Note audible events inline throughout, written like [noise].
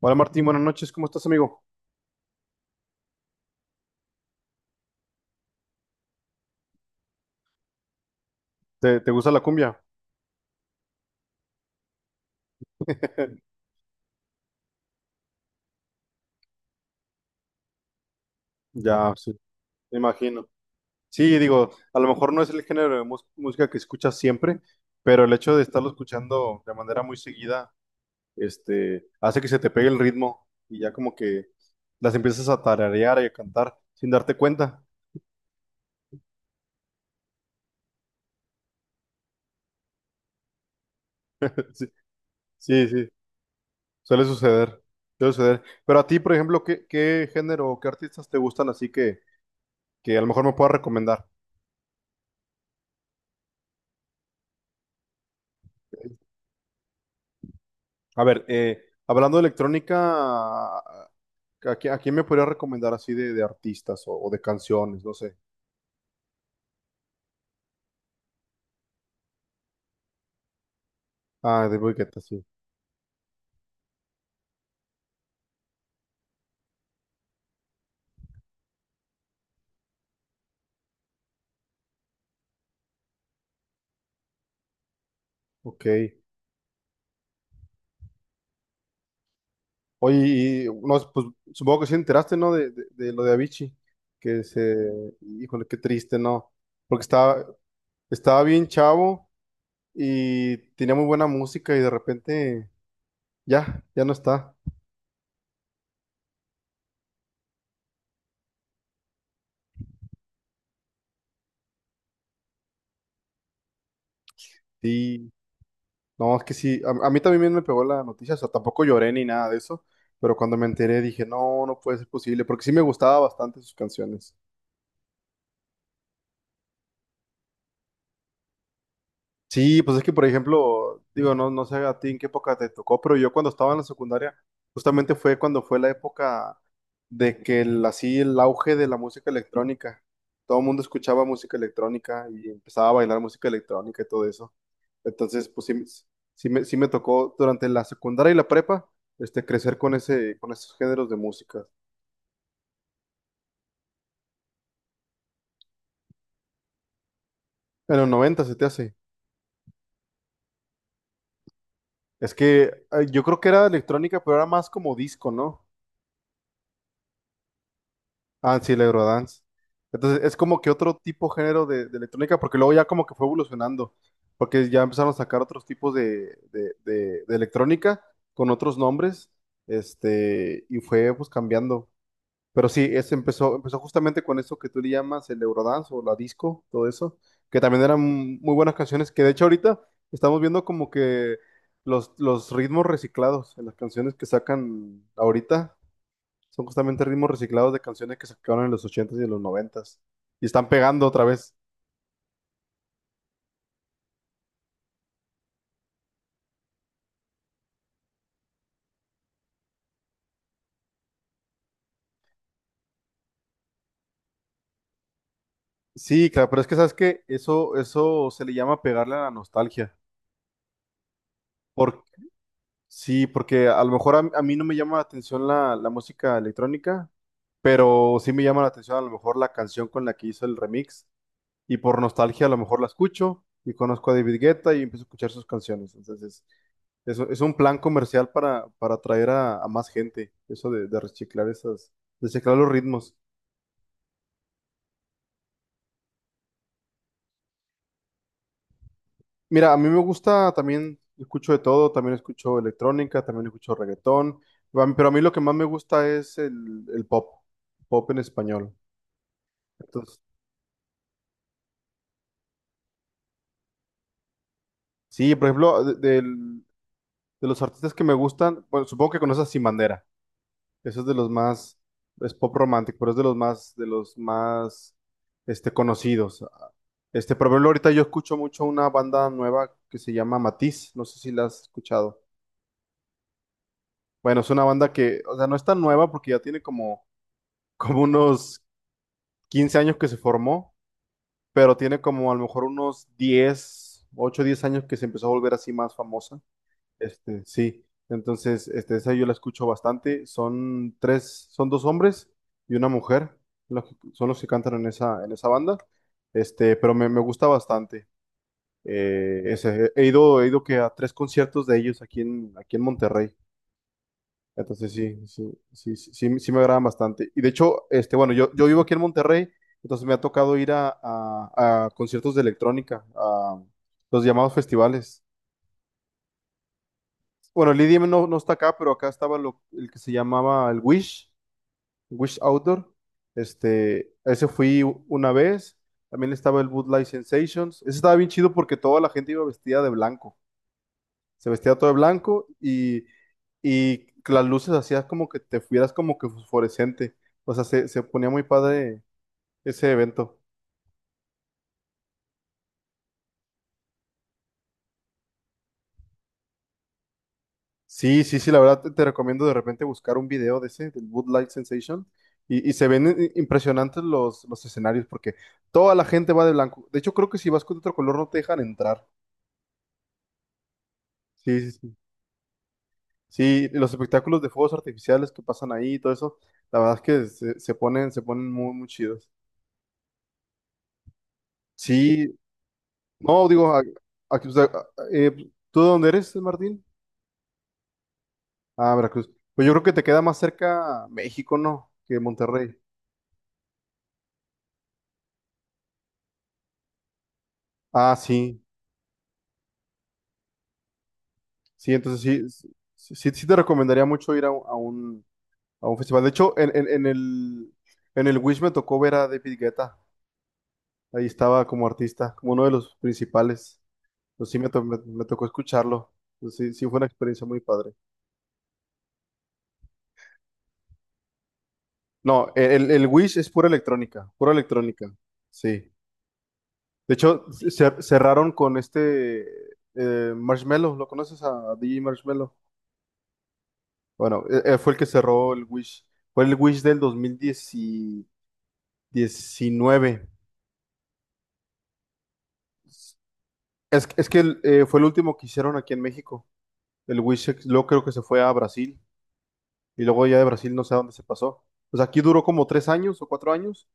Hola Martín, buenas noches, ¿cómo estás amigo? ¿Te gusta la cumbia? [laughs] Ya, sí, me imagino. Sí, digo, a lo mejor no es el género de música que escuchas siempre, pero el hecho de estarlo escuchando de manera muy seguida, hace que se te pegue el ritmo y ya como que las empiezas a tararear y a cantar sin darte cuenta. [laughs] Sí, sí, sí, suele suceder, suele suceder. Pero a ti, por ejemplo, ¿qué género o qué artistas te gustan así que a lo mejor me puedas recomendar? A ver, hablando de electrónica, ¿a, a quién me podría recomendar así de artistas o de canciones? No sé. Ah, de Guetta, sí. Ok. Oye, y, no, pues supongo que sí enteraste, ¿no? De lo de Avicii. Que se... Híjole, qué triste, ¿no? Porque estaba bien chavo y tenía muy buena música y de repente ya no está. Sí. No, es que sí, a mí también me pegó la noticia, o sea, tampoco lloré ni nada de eso, pero cuando me enteré dije, no, no puede ser posible, porque sí me gustaba bastante sus canciones. Sí, pues es que, por ejemplo, digo, no, no sé a ti en qué época te tocó, pero yo cuando estaba en la secundaria, justamente fue cuando fue la época de que el, así el auge de la música electrónica, todo el mundo escuchaba música electrónica y empezaba a bailar música electrónica y todo eso. Entonces, pues sí, sí me tocó durante la secundaria y la prepa, crecer con ese, con esos géneros de música. En los 90 se te hace. Es que yo creo que era electrónica, pero era más como disco, ¿no? Ah, sí, el Eurodance. Entonces, es como que otro tipo género de electrónica, porque luego ya como que fue evolucionando, porque ya empezaron a sacar otros tipos de electrónica con otros nombres, y fue pues cambiando. Pero sí, es, empezó justamente con eso que tú le llamas el Eurodance o la disco, todo eso, que también eran muy buenas canciones, que de hecho ahorita estamos viendo como que los ritmos reciclados en las canciones que sacan ahorita son justamente ritmos reciclados de canciones que sacaron en los ochentas y en los noventas y están pegando otra vez. Sí, claro, pero es que sabes que eso se le llama pegarle a la nostalgia. Por Sí, porque a lo mejor a mí no me llama la atención la música electrónica, pero sí me llama la atención a lo mejor la canción con la que hizo el remix y por nostalgia a lo mejor la escucho y conozco a David Guetta y empiezo a escuchar sus canciones. Entonces, eso es un plan comercial para atraer a más gente, eso de reciclar esas, de reciclar los ritmos. Mira, a mí me gusta también, escucho de todo, también escucho electrónica, también escucho reggaetón, pero a mí lo que más me gusta es el pop, pop en español. Entonces, sí, por ejemplo, de los artistas que me gustan, bueno, supongo que conoces a Sin Bandera. Eso es de los más, Es pop romántico, pero es de los más, conocidos. Por ejemplo, ahorita yo escucho mucho una banda nueva que se llama Matiz. No sé si la has escuchado. Bueno, es una banda que, o sea, no es tan nueva porque ya tiene como, [laughs] como unos 15 años que se formó, pero tiene como a lo mejor unos 10, 8, 10 años que se empezó a volver así más famosa. Sí, entonces, esa yo la escucho bastante. Son tres, son dos hombres y una mujer, son los que cantan en esa banda. Pero me gusta bastante. He ido que a 3 conciertos de ellos aquí en, aquí en Monterrey. Entonces sí, sí, sí, sí, sí, sí me agradan bastante. Y de hecho, bueno, yo vivo aquí en Monterrey, entonces me ha tocado ir a conciertos de electrónica, a los llamados festivales. Bueno, el IDM no está acá, pero acá estaba el que se llamaba el Wish, Wish Outdoor. A ese fui una vez. También estaba el Light Sensations. Ese estaba bien chido porque toda la gente iba vestida de blanco. Se vestía todo de blanco y las luces hacías como que te fueras como que fosforescente. O sea, se ponía muy padre ese evento. Sí, sí, sí, la verdad te recomiendo de repente buscar un video de ese, del Light Sensation, y se ven impresionantes los escenarios porque toda la gente va de blanco. De hecho, creo que si vas con otro color no te dejan entrar. Sí, sí, sí. Sí, los espectáculos de fuegos artificiales que pasan ahí y todo eso, la verdad es que se ponen muy, muy chidos. Sí, no, digo, aquí, o sea, eh, ¿tú de dónde eres, Martín? Ah, Veracruz. Pues yo creo que te queda más cerca México, ¿no? Que Monterrey. Ah, sí. Sí, entonces sí, sí te recomendaría mucho ir a un festival. De hecho, en el Wish me tocó ver a David Guetta. Ahí estaba como artista, como uno de los principales. Pues sí, me tocó escucharlo. Pues sí, sí, fue una experiencia muy padre. No, el Wish es pura electrónica, pura electrónica. Sí. De hecho, cerraron con Marshmello. ¿Lo conoces a DJ Marshmello? Bueno, fue el que cerró el Wish. Fue el Wish del 2010 diecinueve. Es que fue el último que hicieron aquí en México. El Wisex, luego creo que se fue a Brasil y luego ya de Brasil no sé a dónde se pasó. Pues aquí duró como 3 años o 4 años.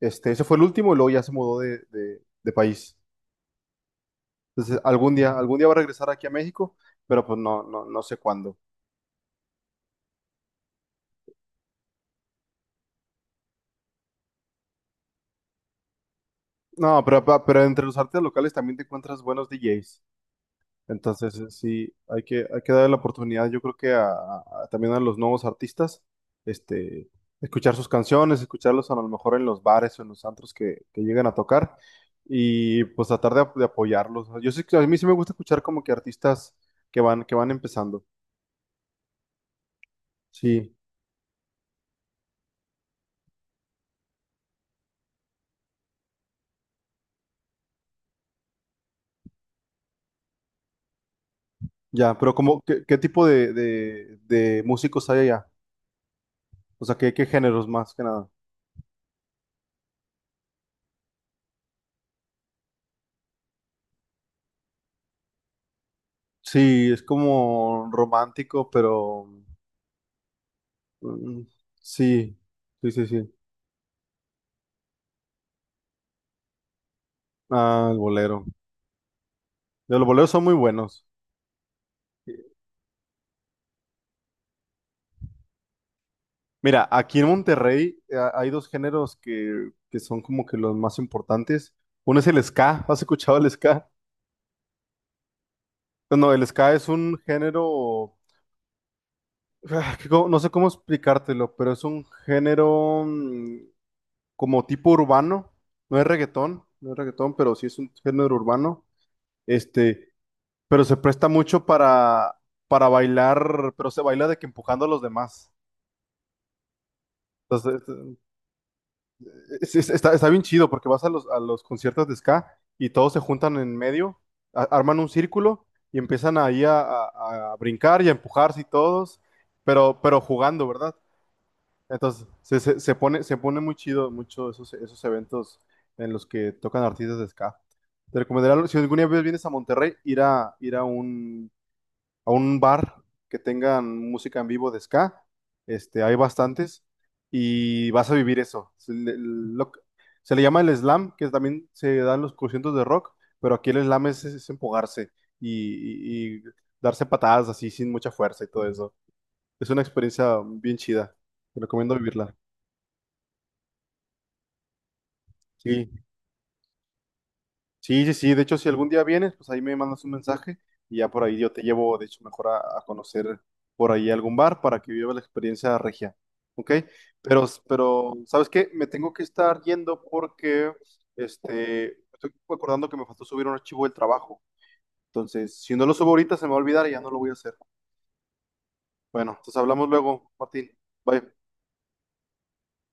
Ese fue el último y luego ya se mudó de país. Entonces, algún día va a regresar aquí a México, pero pues no, no, no sé cuándo. No, pero, pero entre los artistas locales también te encuentras buenos DJs. Entonces, sí, hay que darle la oportunidad, yo creo que a, también a los nuevos artistas, este, escuchar sus canciones, escucharlos a lo mejor en los bares o en los antros que llegan a tocar y pues tratar de apoyarlos. ¿No? Yo sé que a mí sí me gusta escuchar como que artistas que van empezando. Sí, ya, pero como, ¿qué tipo de músicos hay allá? O sea, ¿qué géneros más que nada? Sí, es como romántico, pero mm, sí, sí, sí, sí. Ah, el bolero. Los boleros son muy buenos. Mira, aquí en Monterrey hay dos géneros que son como que los más importantes. Uno es el ska. ¿Has escuchado el ska? No, el ska es un género, no sé cómo explicártelo, pero es un género como tipo urbano. No es reggaetón, no es reggaetón, pero sí es un género urbano. Este, pero se presta mucho para bailar, pero se baila de que empujando a los demás. Entonces, está bien chido porque vas a los conciertos de ska y todos se juntan en medio, arman un círculo y empiezan ahí a, a brincar y a empujarse y todos, pero jugando, ¿verdad? Entonces se pone muy chido mucho esos eventos en los que tocan artistas de ska. Te recomendaría, si alguna vez vienes a Monterrey, ir a un bar que tengan música en vivo de ska, hay bastantes, y vas a vivir eso. Se le llama el slam, que también se dan los conciertos de rock, pero aquí el slam es empujarse y darse patadas así sin mucha fuerza y todo eso. Es una experiencia bien chida, te recomiendo vivirla. Sí. Sí, sí, sí. De hecho, si algún día vienes, pues ahí me mandas un mensaje y ya por ahí yo te llevo, de hecho, mejor a conocer por ahí algún bar para que viva la experiencia regia. ¿Ok? Pero, ¿sabes qué? Me tengo que estar yendo porque, estoy acordando que me faltó subir un archivo del trabajo. Entonces, si no lo subo ahorita, se me va a olvidar y ya no lo voy a hacer. Bueno, entonces hablamos luego, Martín. Bye.